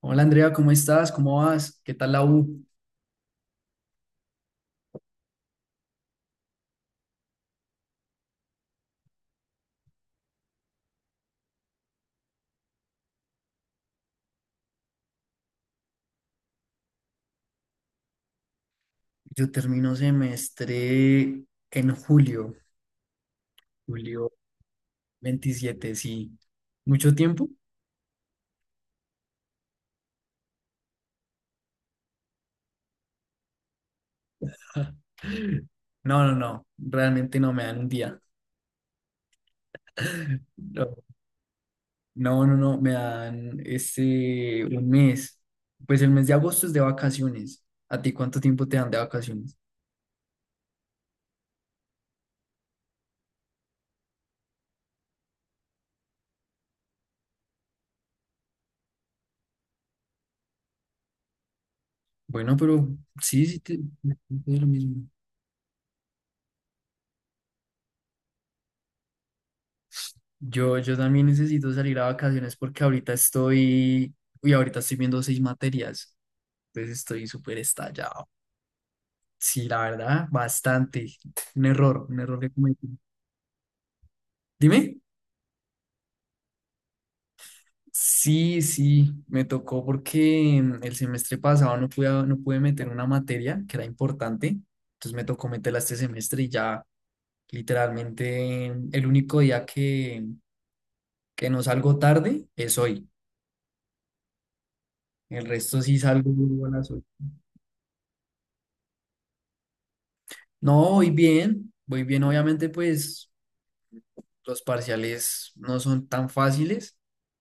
Hola Andrea, ¿cómo estás? ¿Cómo vas? ¿Qué tal la U? Yo termino semestre en julio, julio 27, sí. ¿Mucho tiempo? No, no, no, realmente no me dan un día. No, no, no, no, me dan un mes. Pues el mes de agosto es de vacaciones. ¿A ti cuánto tiempo te dan de vacaciones? Bueno, pero sí, sí, sí, sí, es lo mismo. Yo también necesito salir a vacaciones porque uy, ahorita estoy viendo seis materias, entonces estoy súper estallado. Sí, la verdad, bastante. Un error que cometí. Dime. Sí, sí, me tocó porque el semestre pasado no pude meter una materia que era importante, entonces me tocó meterla este semestre y ya literalmente el único día que no salgo tarde es hoy. El resto sí salgo a las ocho. No, voy bien, voy bien. Obviamente, pues los parciales no son tan fáciles,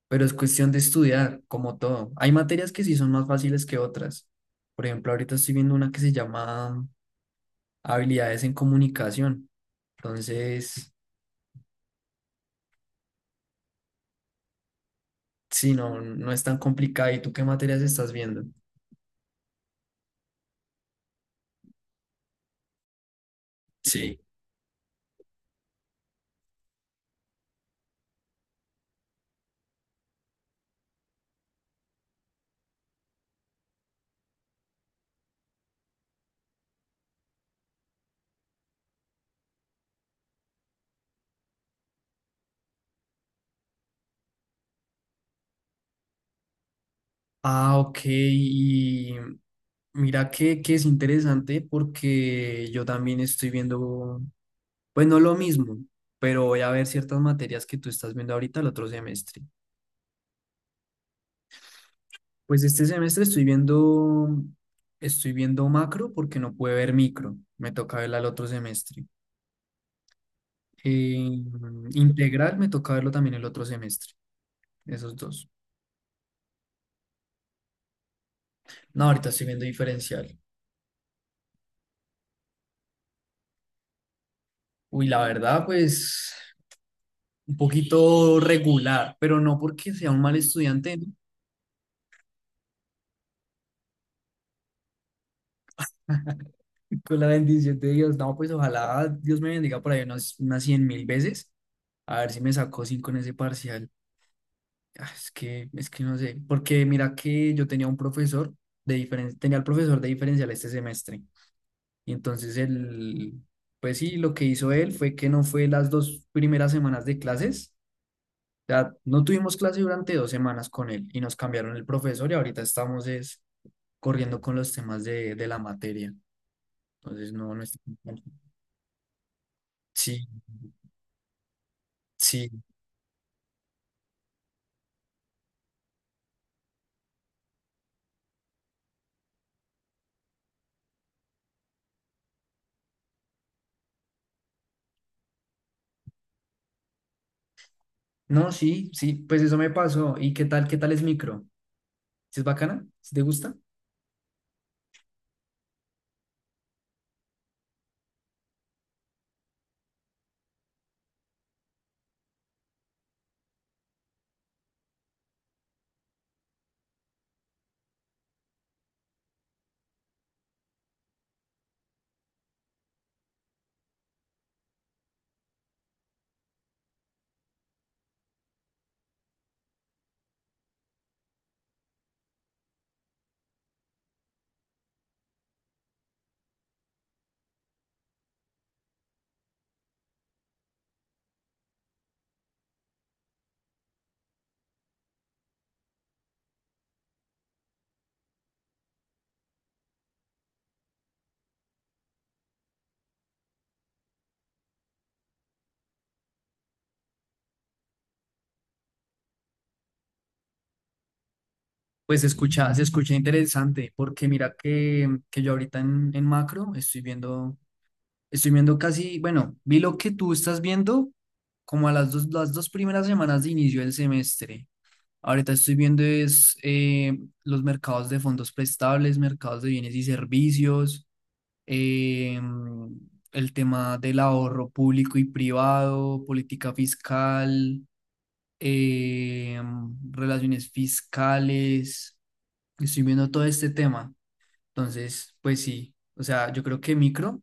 pero es cuestión de estudiar, como todo. Hay materias que sí son más fáciles que otras. Por ejemplo, ahorita estoy viendo una que se llama habilidades en comunicación. Entonces, sí, no, no es tan complicada. ¿Y tú qué materias estás viendo? Sí. Ah, ok. Y mira que es interesante porque yo también estoy viendo pues no lo mismo, pero voy a ver ciertas materias que tú estás viendo ahorita el otro semestre. Pues este semestre estoy viendo macro porque no pude ver micro. Me toca verla el otro semestre. Eh, integral me toca verlo también el otro semestre. Esos dos. No, ahorita estoy viendo diferencial. Uy, la verdad, pues un poquito regular, pero no porque sea un mal estudiante. Con la bendición de Dios, no, pues ojalá Dios me bendiga por ahí unas 100.000 veces. A ver si me sacó cinco en ese parcial. Ah, es que, es que no sé, porque mira que yo tenía un profesor de diferencia, tenía el profesor de diferencial este semestre. Y entonces él, pues sí, lo que hizo él fue que no fue las dos primeras semanas de clases. O sea, no tuvimos clase durante 2 semanas con él y nos cambiaron el profesor y ahorita estamos es corriendo con los temas de la materia. Entonces no, no. Sí, sí. No, sí, sí, pues eso me pasó. ¿Y qué tal es micro? ¿Sí? ¿Es bacana? ¿Sí te gusta? Pues se escucha interesante, porque mira que yo ahorita en macro estoy viendo casi, bueno, vi lo que tú estás viendo como a las dos primeras semanas de inicio del semestre. Ahorita estoy viendo es los mercados de fondos prestables, mercados de bienes y servicios, eh, el tema del ahorro público y privado, política fiscal, eh, relaciones fiscales, estoy viendo todo este tema. Entonces, pues sí, o sea, yo creo que micro,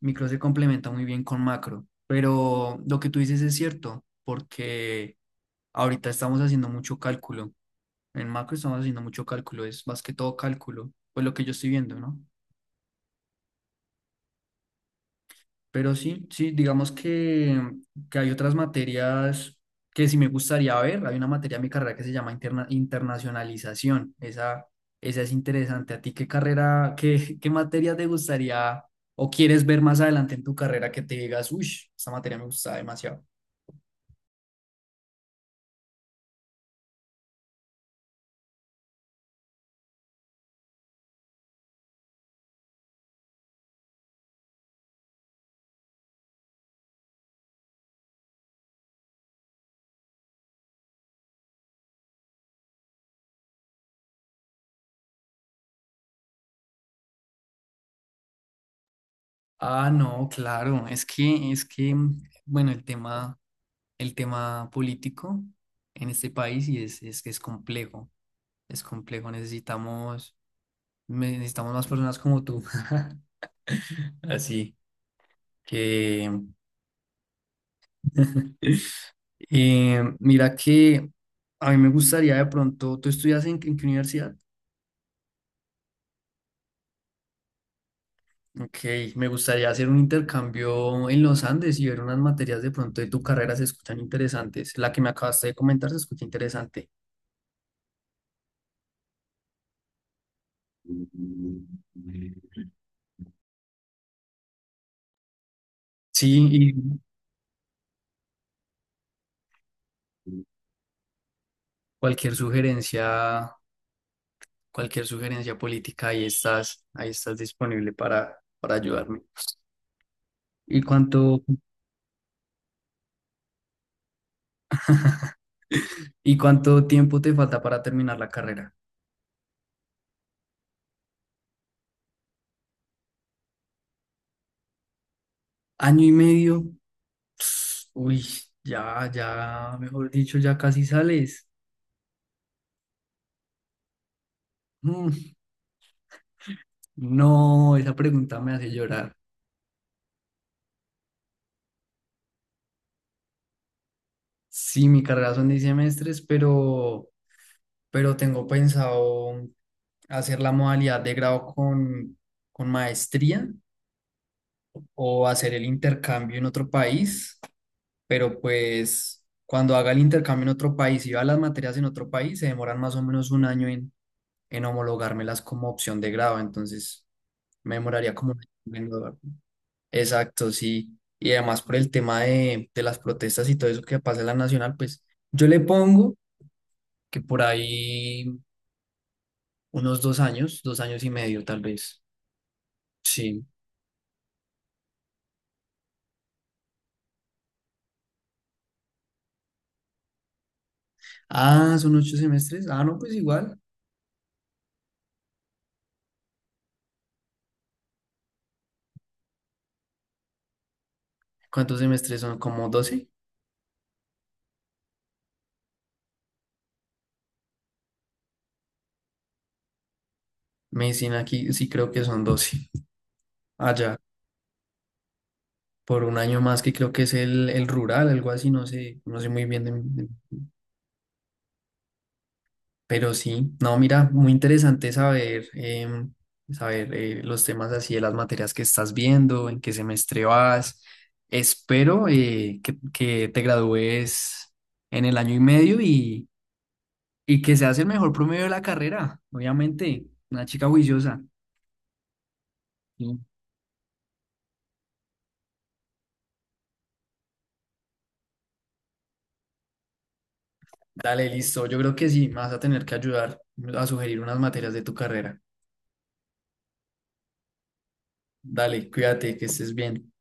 micro se complementa muy bien con macro, pero lo que tú dices es cierto, porque ahorita estamos haciendo mucho cálculo. En macro estamos haciendo mucho cálculo, es más que todo cálculo, pues lo que yo estoy viendo, ¿no? Pero sí, sí, digamos que hay otras materias que sí me gustaría ver. Hay una materia en mi carrera que se llama internacionalización. Esa es interesante. ¿A ti qué materia te gustaría o quieres ver más adelante en tu carrera que te digas, uy, esta materia me gusta demasiado? Ah, no, claro, es que, bueno, el tema político en este país y es que es complejo, es complejo. Necesitamos más personas como tú. Así que, mira que a mí me gustaría de pronto, ¿tú estudias en qué universidad? Ok, me gustaría hacer un intercambio en los Andes y ver unas materias de pronto de tu carrera, se escuchan interesantes. La que me acabaste de comentar se escucha interesante. Sí, y cualquier sugerencia, cualquier sugerencia política, ahí estás disponible para ayudarme. ¿Y cuánto, ¿Y cuánto tiempo te falta para terminar la carrera? ¿Año y medio? Uy, ya, ya, mejor dicho, ya casi sales. Mm, no, esa pregunta me hace llorar. Sí, mi carrera son 10 semestres, pero tengo pensado hacer la modalidad de grado con maestría o hacer el intercambio en otro país, pero pues cuando haga el intercambio en otro país y va las materias en otro país, se demoran más o menos un año en homologármelas como opción de grado, entonces me demoraría como un año en. Exacto, sí. Y además por el tema de las protestas y todo eso que pasa en la nacional, pues yo le pongo que por ahí unos 2 años, 2 años y medio tal vez. Sí. Ah, son 8 semestres. Ah, no, pues igual. ¿Cuántos semestres son? ¿Como 12? Medicina aquí sí creo que son 12. Allá, por un año más que creo que es el rural, algo así, no sé muy bien de. Pero sí, no, mira, muy interesante saber, los temas así de las materias que estás viendo, en qué semestre vas. Espero que te gradúes en el año y medio y que seas el mejor promedio de la carrera, obviamente, una chica juiciosa. Sí. Dale, listo, yo creo que sí, me vas a tener que ayudar a sugerir unas materias de tu carrera. Dale, cuídate, que estés bien.